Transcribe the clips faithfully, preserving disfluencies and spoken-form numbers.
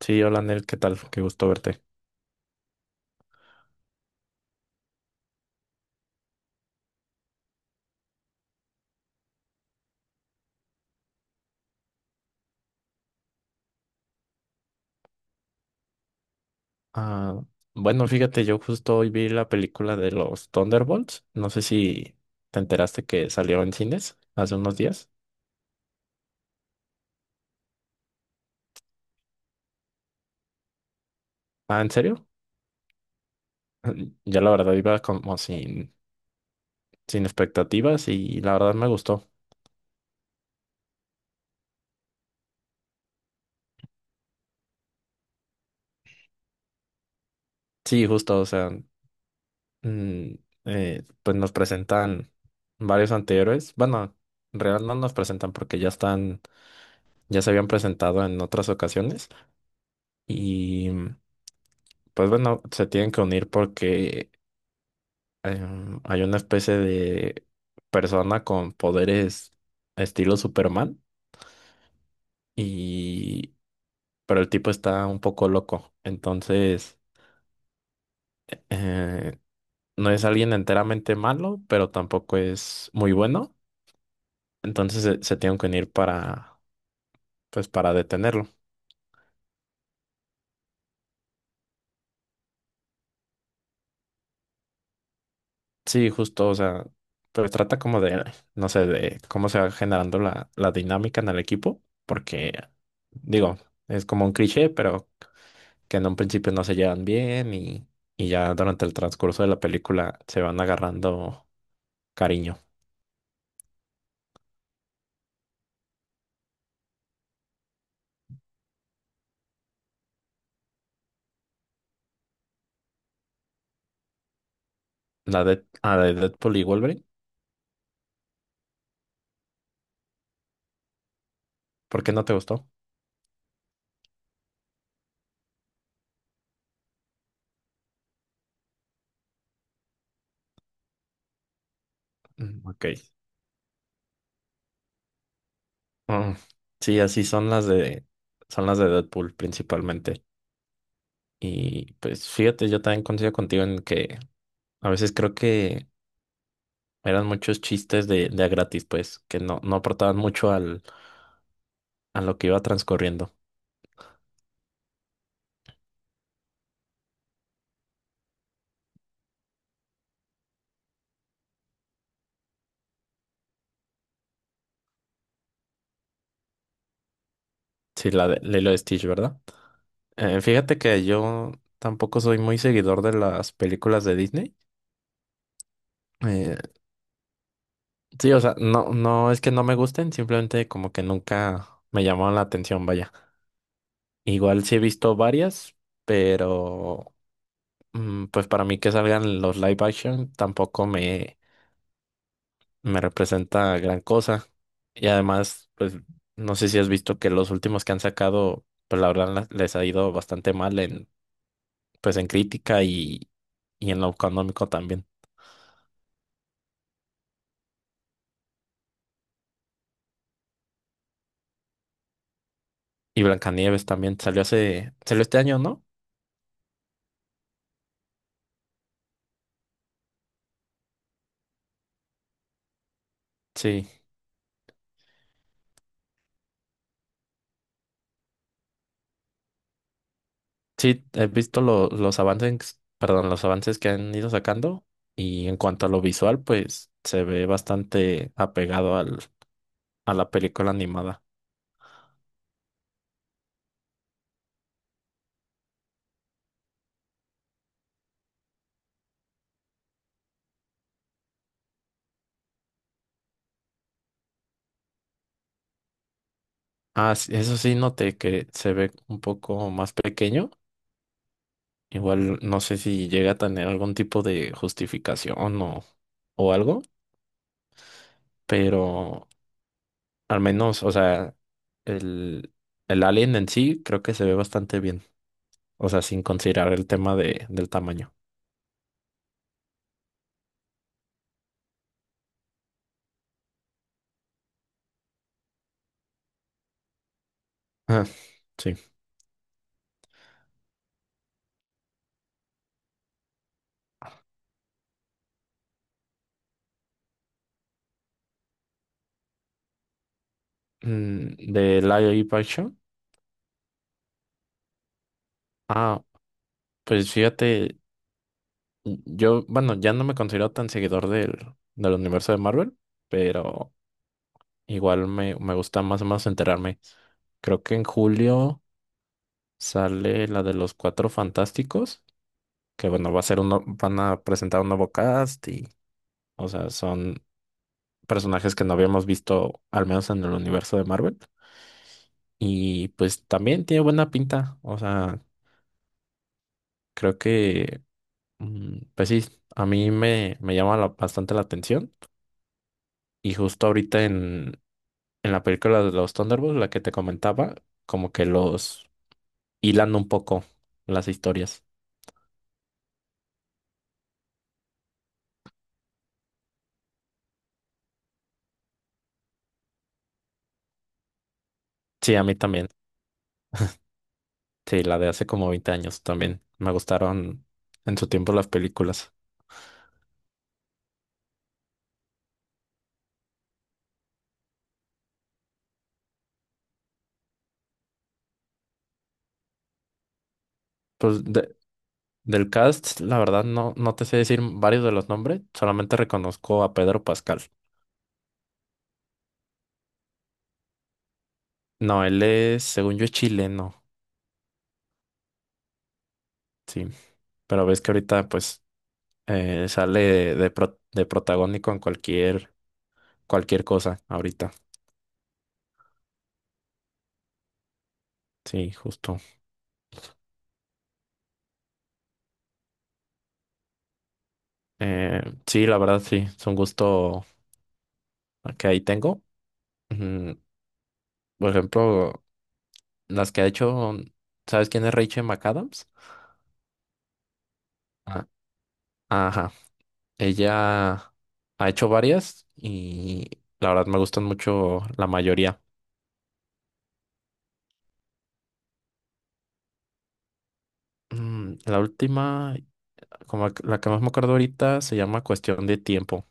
Sí, hola Nel, ¿qué tal? Qué gusto verte. Ah, bueno, fíjate, yo justo hoy vi la película de los Thunderbolts. No sé si te enteraste que salió en cines hace unos días. Ah, ¿en serio? Ya la verdad iba como sin, sin expectativas y la verdad me gustó. Sí, justo, o sea, mm, eh, pues nos presentan varios antihéroes. Bueno, en realidad no nos presentan porque ya están, ya se habían presentado en otras ocasiones. Y mm, pues bueno, se tienen que unir porque em, hay una especie de persona con poderes estilo Superman. Y pero el tipo está un poco loco. Entonces, eh, no es alguien enteramente malo, pero tampoco es muy bueno. Entonces se, se tienen que unir para pues para detenerlo. Sí, justo, o sea, pues trata como de, no sé, de cómo se va generando la, la dinámica en el equipo, porque, digo, es como un cliché, pero que en un principio no se llevan bien y, y ya durante el transcurso de la película se van agarrando cariño. La de, ah, de Deadpool y Wolverine, ¿por qué no te gustó? Mm, ok. Mm, sí, así son las de, son las de Deadpool principalmente. Y pues fíjate, yo también coincido contigo en que a veces creo que eran muchos chistes de, de a gratis, pues, que no, no aportaban mucho al, a lo que iba transcurriendo. Sí, la de Lilo y Stitch, ¿verdad? Eh, fíjate que yo tampoco soy muy seguidor de las películas de Disney. Eh, sí, o sea, no, no es que no me gusten, simplemente como que nunca me llamaron la atención, vaya. Igual sí he visto varias, pero mm, pues para mí que salgan los live action tampoco me, me representa gran cosa. Y además, pues no sé si has visto que los últimos que han sacado, pues la verdad la- les ha ido bastante mal en, pues en crítica y, y en lo económico también. Y Blancanieves también salió hace, salió este año, ¿no? Sí, sí, he visto lo- los avances, perdón, los avances que han ido sacando. Y en cuanto a lo visual, pues se ve bastante apegado al, a la película animada. Ah, sí, eso sí noté que se ve un poco más pequeño. Igual no sé si llega a tener algún tipo de justificación o, o algo, pero al menos, o sea, el, el alien en sí creo que se ve bastante bien. O sea, sin considerar el tema de, del tamaño. Ah, sí. Mm, de live action. Ah, pues fíjate, yo, bueno, ya no me considero tan seguidor del, del universo de Marvel, pero igual me, me gusta más o menos enterarme. Creo que en julio. Sale la de los Cuatro Fantásticos, que bueno, va a ser uno, van a presentar un nuevo cast y, o sea, son personajes que no habíamos visto, al menos en el universo de Marvel. Y pues también tiene buena pinta, o sea, creo que, mm, pues sí, a mí me, me llama la- bastante la atención. Y justo ahorita en, en la película de los Thunderbolts, la que te comentaba, como que los hilan un poco las historias. Sí, a mí también. Sí, la de hace como veinte años también. Me gustaron en su tiempo las películas. Pues de- del cast, la verdad, no, no te sé decir varios de los nombres, solamente reconozco a Pedro Pascal. No, él es, según yo, es chileno, sí. Pero ves que ahorita, pues, eh, sale de, de pro- de protagónico en cualquier, cualquier cosa, ahorita. Sí, justo. Eh, sí, la verdad, sí, es un gusto que ahí tengo. Ujú. Por ejemplo, las que ha hecho, ¿sabes quién es Rachel McAdams? Ah, ajá. Ella ha hecho varias y la verdad me gustan mucho la mayoría. Mm, La última, como la que la que más me acuerdo ahorita, se llama Cuestión de Tiempo.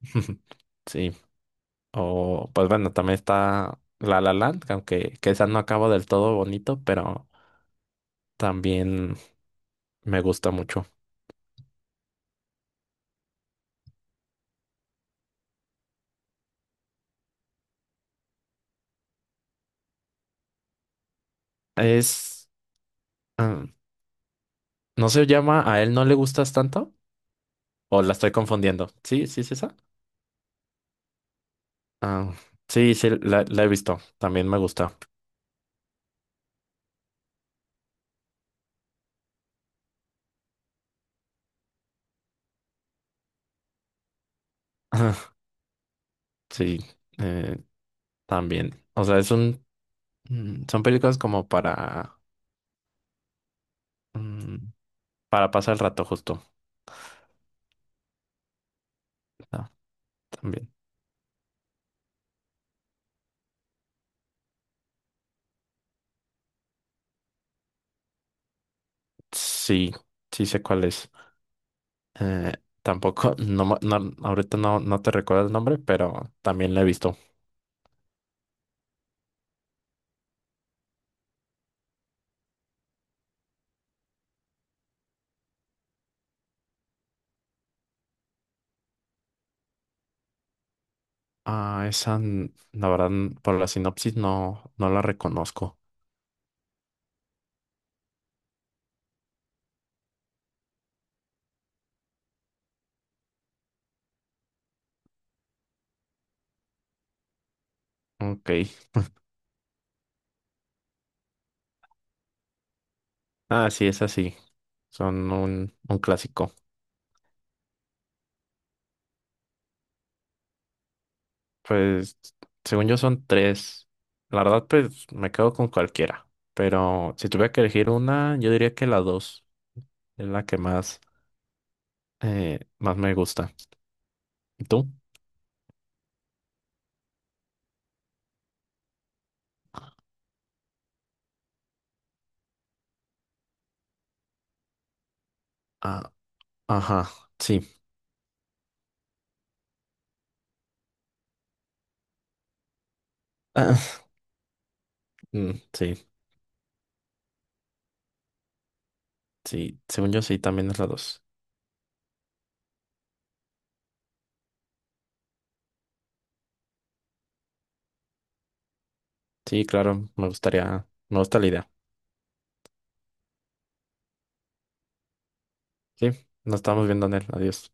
Sí. O, pues bueno, también está La La Land, que aunque que esa no acaba del todo bonito, pero también me gusta mucho. Es, ah, ¿no se llama A él no le gustas tanto? ¿O la estoy confundiendo? Sí, sí, sí, ah, sí, sí, la, la he visto. También me gusta. Ajá, sí, eh, también. O sea, es un, mm, son películas como para, mm, para pasar el rato justo. Ah, también. Sí, sí sé cuál es. Eh, tampoco, no, ma- no, ahorita no, no te recuerdo el nombre, pero también la he visto. Ah, esa, n- la verdad, n- por la sinopsis no, no la reconozco. Ok. Ah, sí, es así. Son un, un clásico. Pues, según yo son tres. La verdad, pues me quedo con cualquiera. Pero si tuviera que elegir una, yo diría que la dos es la que más, eh, más me gusta. ¿Y tú? Ah, ajá, sí. Ah, mm, sí, sí. Según yo sí, también es la dos. Sí, claro, me gustaría, me gusta la idea. Sí, nos estamos viendo, él. Adiós.